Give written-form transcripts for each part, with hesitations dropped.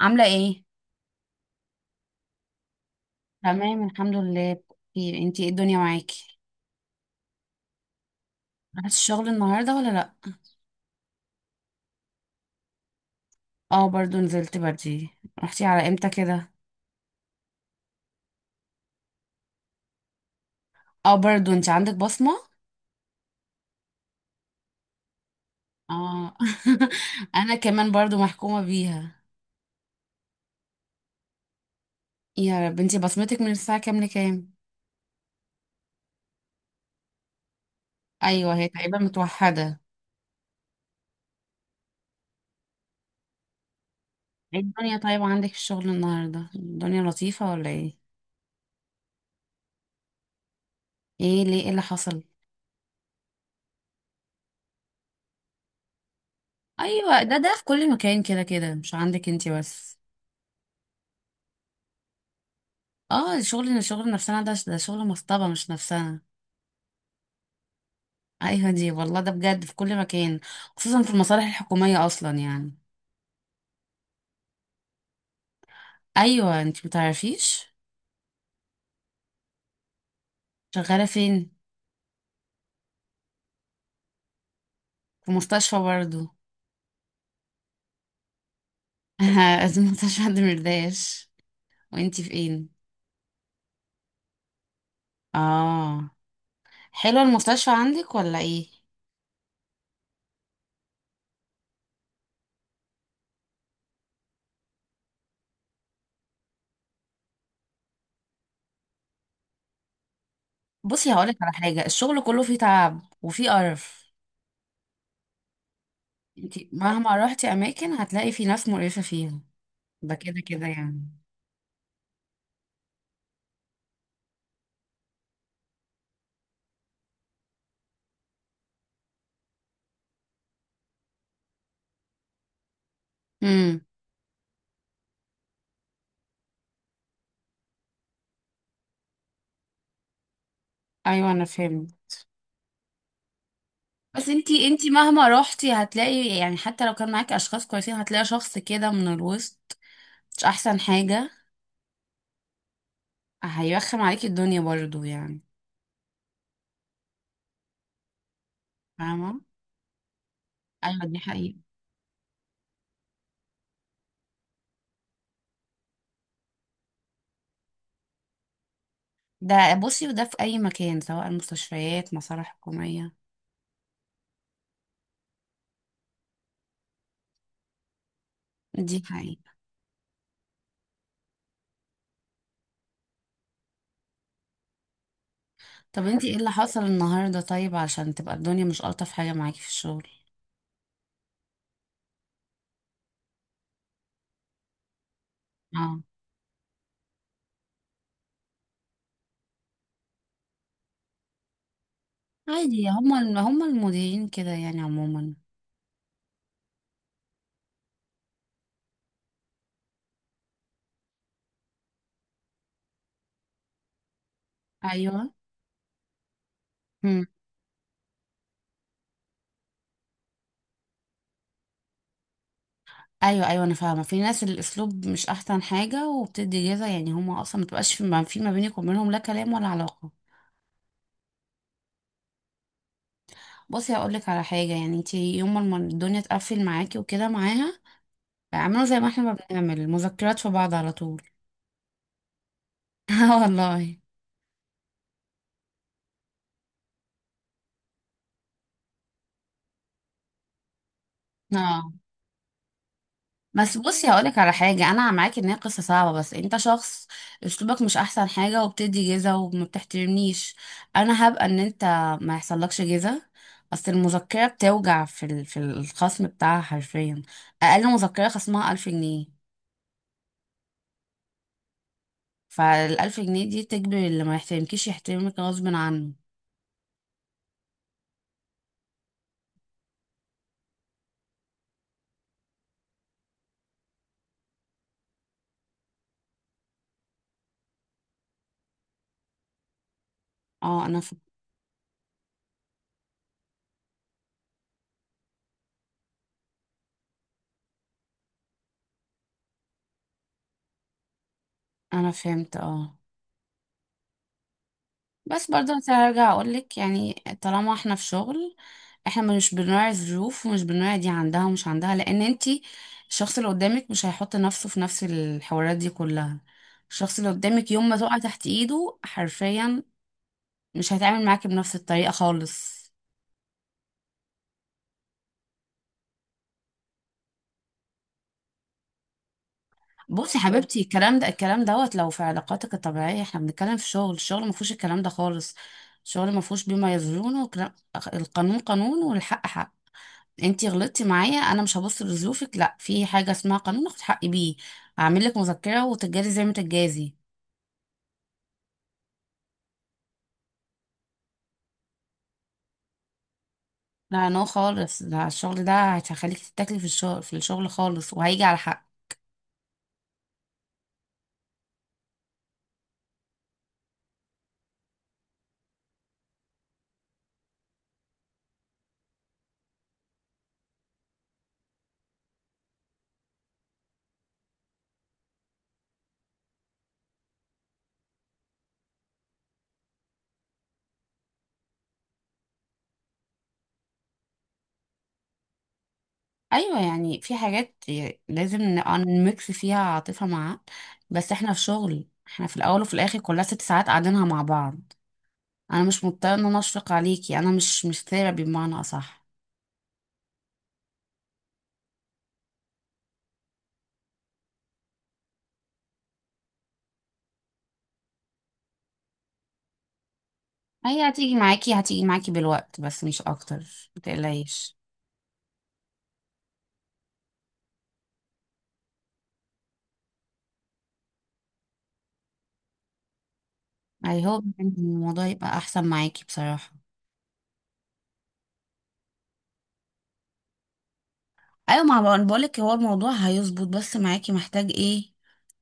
عاملة ايه؟ تمام، الحمد لله. بخير. انتي، ايه الدنيا معاكي؟ رحتي الشغل النهارده ولا لا؟ اه، برضو نزلت بدري. رحتي على امتى كده؟ اه، برضو انتي عندك بصمه. اه. انا كمان برضو محكومه بيها. يا رب. انتي بصمتك من الساعه كام لكام؟ ايوه، هي تقريبا متوحده. ايه الدنيا، طيب عندك في الشغل النهارده الدنيا لطيفه ولا ايه؟ ايه ليه، ايه اللي حصل؟ ايوه، ده في كل مكان، كده كده مش عندك انتي بس. اه، شغل نفسنا، ده شغل مصطبه مش نفسنا. ايوه دي والله، ده بجد في كل مكان، خصوصا في المصالح الحكومية اصلا يعني. ايوه، انت متعرفيش؟ شغالة فين؟ في مستشفى برضو. في مستشفى دمرداش. وانت فين؟ اه. حلوة المستشفى عندك ولا ايه؟ بصي، هقولك على حاجة، الشغل كله فيه تعب وفيه قرف. انت مهما روحتي اماكن هتلاقي في ناس مقرفة فيها. ده كده كده يعني. امم. ايوه، انا فهمت. بس انتي مهما روحتي هتلاقي، يعني حتى لو كان معاكي اشخاص كويسين هتلاقي شخص كده من الوسط مش احسن حاجة. هيرخم عليكي الدنيا برضو يعني. فاهمة. ايوه دي حقيقة. ده بصي، وده في اي مكان سواء المستشفيات، مصالح حكومية. دي حقيقة. طب انتي ايه اللي حصل النهاردة طيب عشان تبقى الدنيا مش الطف حاجة معاكي في الشغل؟ اه. عادي هما المديرين كده يعني عموما. ايوه، ايوه، ايوه انا فاهمه، في ناس الاسلوب مش احسن حاجه وبتدي جزا، يعني هما اصلا ما تبقاش في ما بينك وبينهم لا كلام ولا علاقه. بصي هقول لك على حاجه، يعني انت يوم ما الدنيا تقفل معاكي وكده معاها اعملوا زي ما احنا ما بنعمل مذكرات في بعض على طول. اه والله. اه، بس بصي هقولك على حاجة، أنا معاك إن هي قصة صعبة، بس أنت شخص أسلوبك مش أحسن حاجة وبتدي جيزة وما بتحترمنيش. أنا هبقى إن أنت ما يحصلكش جيزة. أصل المذكرة بتوجع في الخصم بتاعها حرفيا. أقل مذكرة خصمها 1000 جنيه. فالألف جنيه دي تجبر اللي ما يحترمكيش يحترمك غصب عنه. اه. أنا فهمت. اه، بس برضه هرجع اقولك، يعني طالما احنا في شغل احنا مش بنراعي الظروف ومش بنراعي دي عندها ومش عندها، لان انتي الشخص اللي قدامك مش هيحط نفسه في نفس الحوارات دي كلها. الشخص اللي قدامك يوم ما تقع تحت ايده حرفيا مش هيتعامل معاكي بنفس الطريقة خالص. بصي يا حبيبتي، الكلام ده الكلام دوت لو في علاقاتك الطبيعية، احنا بنتكلم في شغل. الشغل ما فيهوش الكلام ده خالص. الشغل ما فيهوش بما يظلمون القانون قانون والحق حق. انتي غلطتي معايا، انا مش هبص لظروفك، لا، في حاجه اسمها قانون اخد حقي بيه. هعمل لك مذكره وتتجازي زي ما تتجازي. لا، نو خالص، ده الشغل ده هيخليك تتاكلي في الشغل في الشغل خالص، وهيجي على حق. ايوه، يعني في حاجات لازم نبقى نميكس فيها عاطفه مع عقل. بس احنا في شغل، احنا في الاول وفي الاخر كلها 6 ساعات قاعدينها مع بعض. انا مش مضطره ان انا اشفق عليكي، انا مش ثيرابي بمعنى اصح. هي هتيجي معاكي، بالوقت بس مش اكتر. متقلقيش. اي، هو إن الموضوع يبقى احسن معاكي بصراحة. ايوه، ما بقول- بقولك هو الموضوع هيظبط، بس معاكي محتاج ايه؟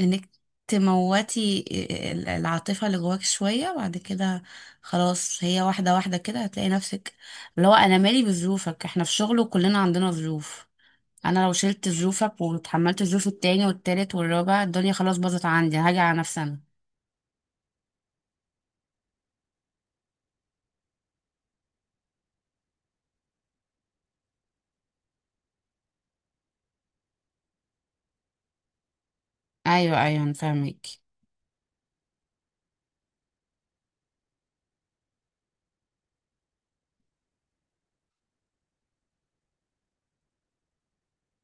انك تموتي العاطفة اللي جواك شوية بعد كده. خلاص هي واحدة واحدة كده هتلاقي نفسك. اللي هو انا مالي بظروفك، احنا في شغل وكلنا عندنا ظروف. انا لو شلت ظروفك وتحملت ظروف التاني والتالت والرابع الدنيا خلاص باظت عندي، هاجي على نفسي انا. ايوه، ايوه، انا فاهمك.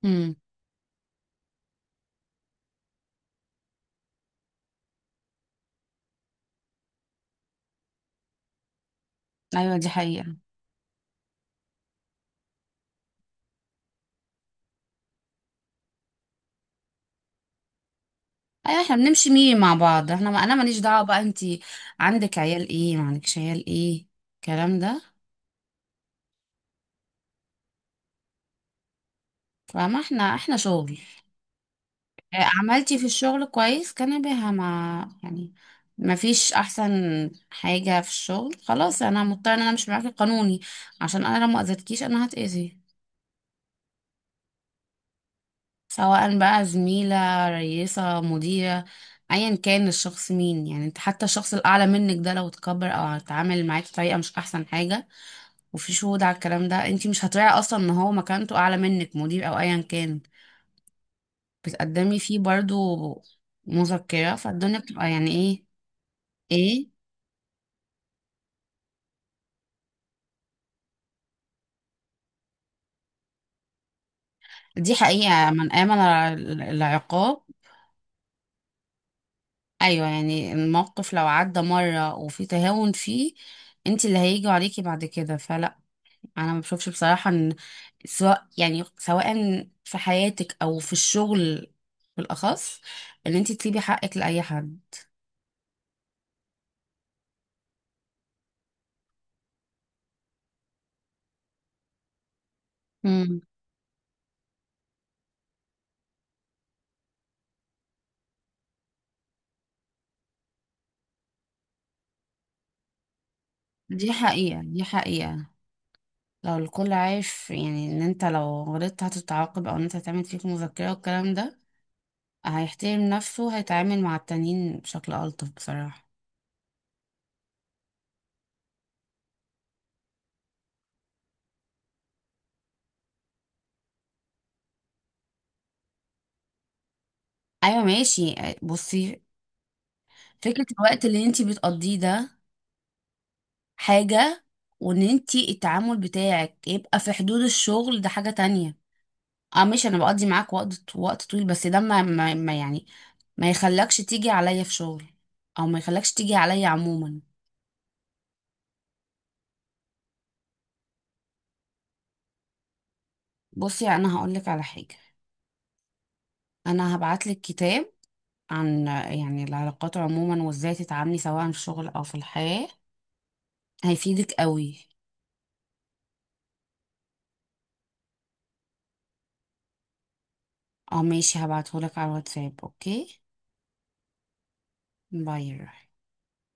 امم. ايوه دي حقيقة. ايوه احنا بنمشي ميري مع بعض، احنا ما انا ماليش دعوه بقى، انتي عندك عيال ايه ما عندكش عيال ايه الكلام ده. فما احنا شغل. عملتي في الشغل كويس كان بها ما، يعني ما فيش احسن حاجه في الشغل خلاص. انا مضطره ان انا مش معاكي قانوني، عشان انا لو ما اذيتكيش انا هتاذي. سواء بقى زميله، رئيسه، مديره، ايا كان الشخص مين، يعني انت حتى الشخص الاعلى منك ده لو اتكبر او اتعامل معاكي بطريقه مش احسن حاجه وفي شهود على الكلام ده، انتي مش هتراعي اصلا ان هو مكانته اعلى منك مدير او ايا كان، بتقدمي فيه برضو مذكرة. فالدنيا بتبقى يعني ايه؟ ايه؟ دي حقيقة، من آمن العقاب. ايوه، يعني الموقف لو عدى مرة وفي تهاون فيه، انتي اللي هيجوا عليكي بعد كده، فلا. انا ما بشوفش بصراحة ان، سواء يعني سواء في حياتك او في الشغل بالاخص، ان انتي تسيبي حقك لاي حد. مم. دي حقيقة، دي حقيقة. لو الكل عارف، يعني ان انت لو غلطت هتتعاقب او ان انت هتعمل فيك مذكرة والكلام ده، هيحترم نفسه، هيتعامل مع التانيين بشكل ألطف بصراحة. ايوه ماشي. بصي، فكرة الوقت اللي انت بتقضيه ده حاجة، وان انت التعامل بتاعك يبقى في حدود الشغل ده حاجة تانية. اه ماشي، انا بقضي معاك وقت طويل، بس ده ما يعني ما يخلكش تيجي عليا في شغل او ما يخلكش تيجي عليا عموما. بصي، انا هقولك على حاجة، انا هبعتلك كتاب عن يعني العلاقات عموما وازاي تتعاملي سواء في الشغل او في الحياة، هيفيدك قوي. اه ماشي، هبعتهولك على الواتساب. اوكي، باي.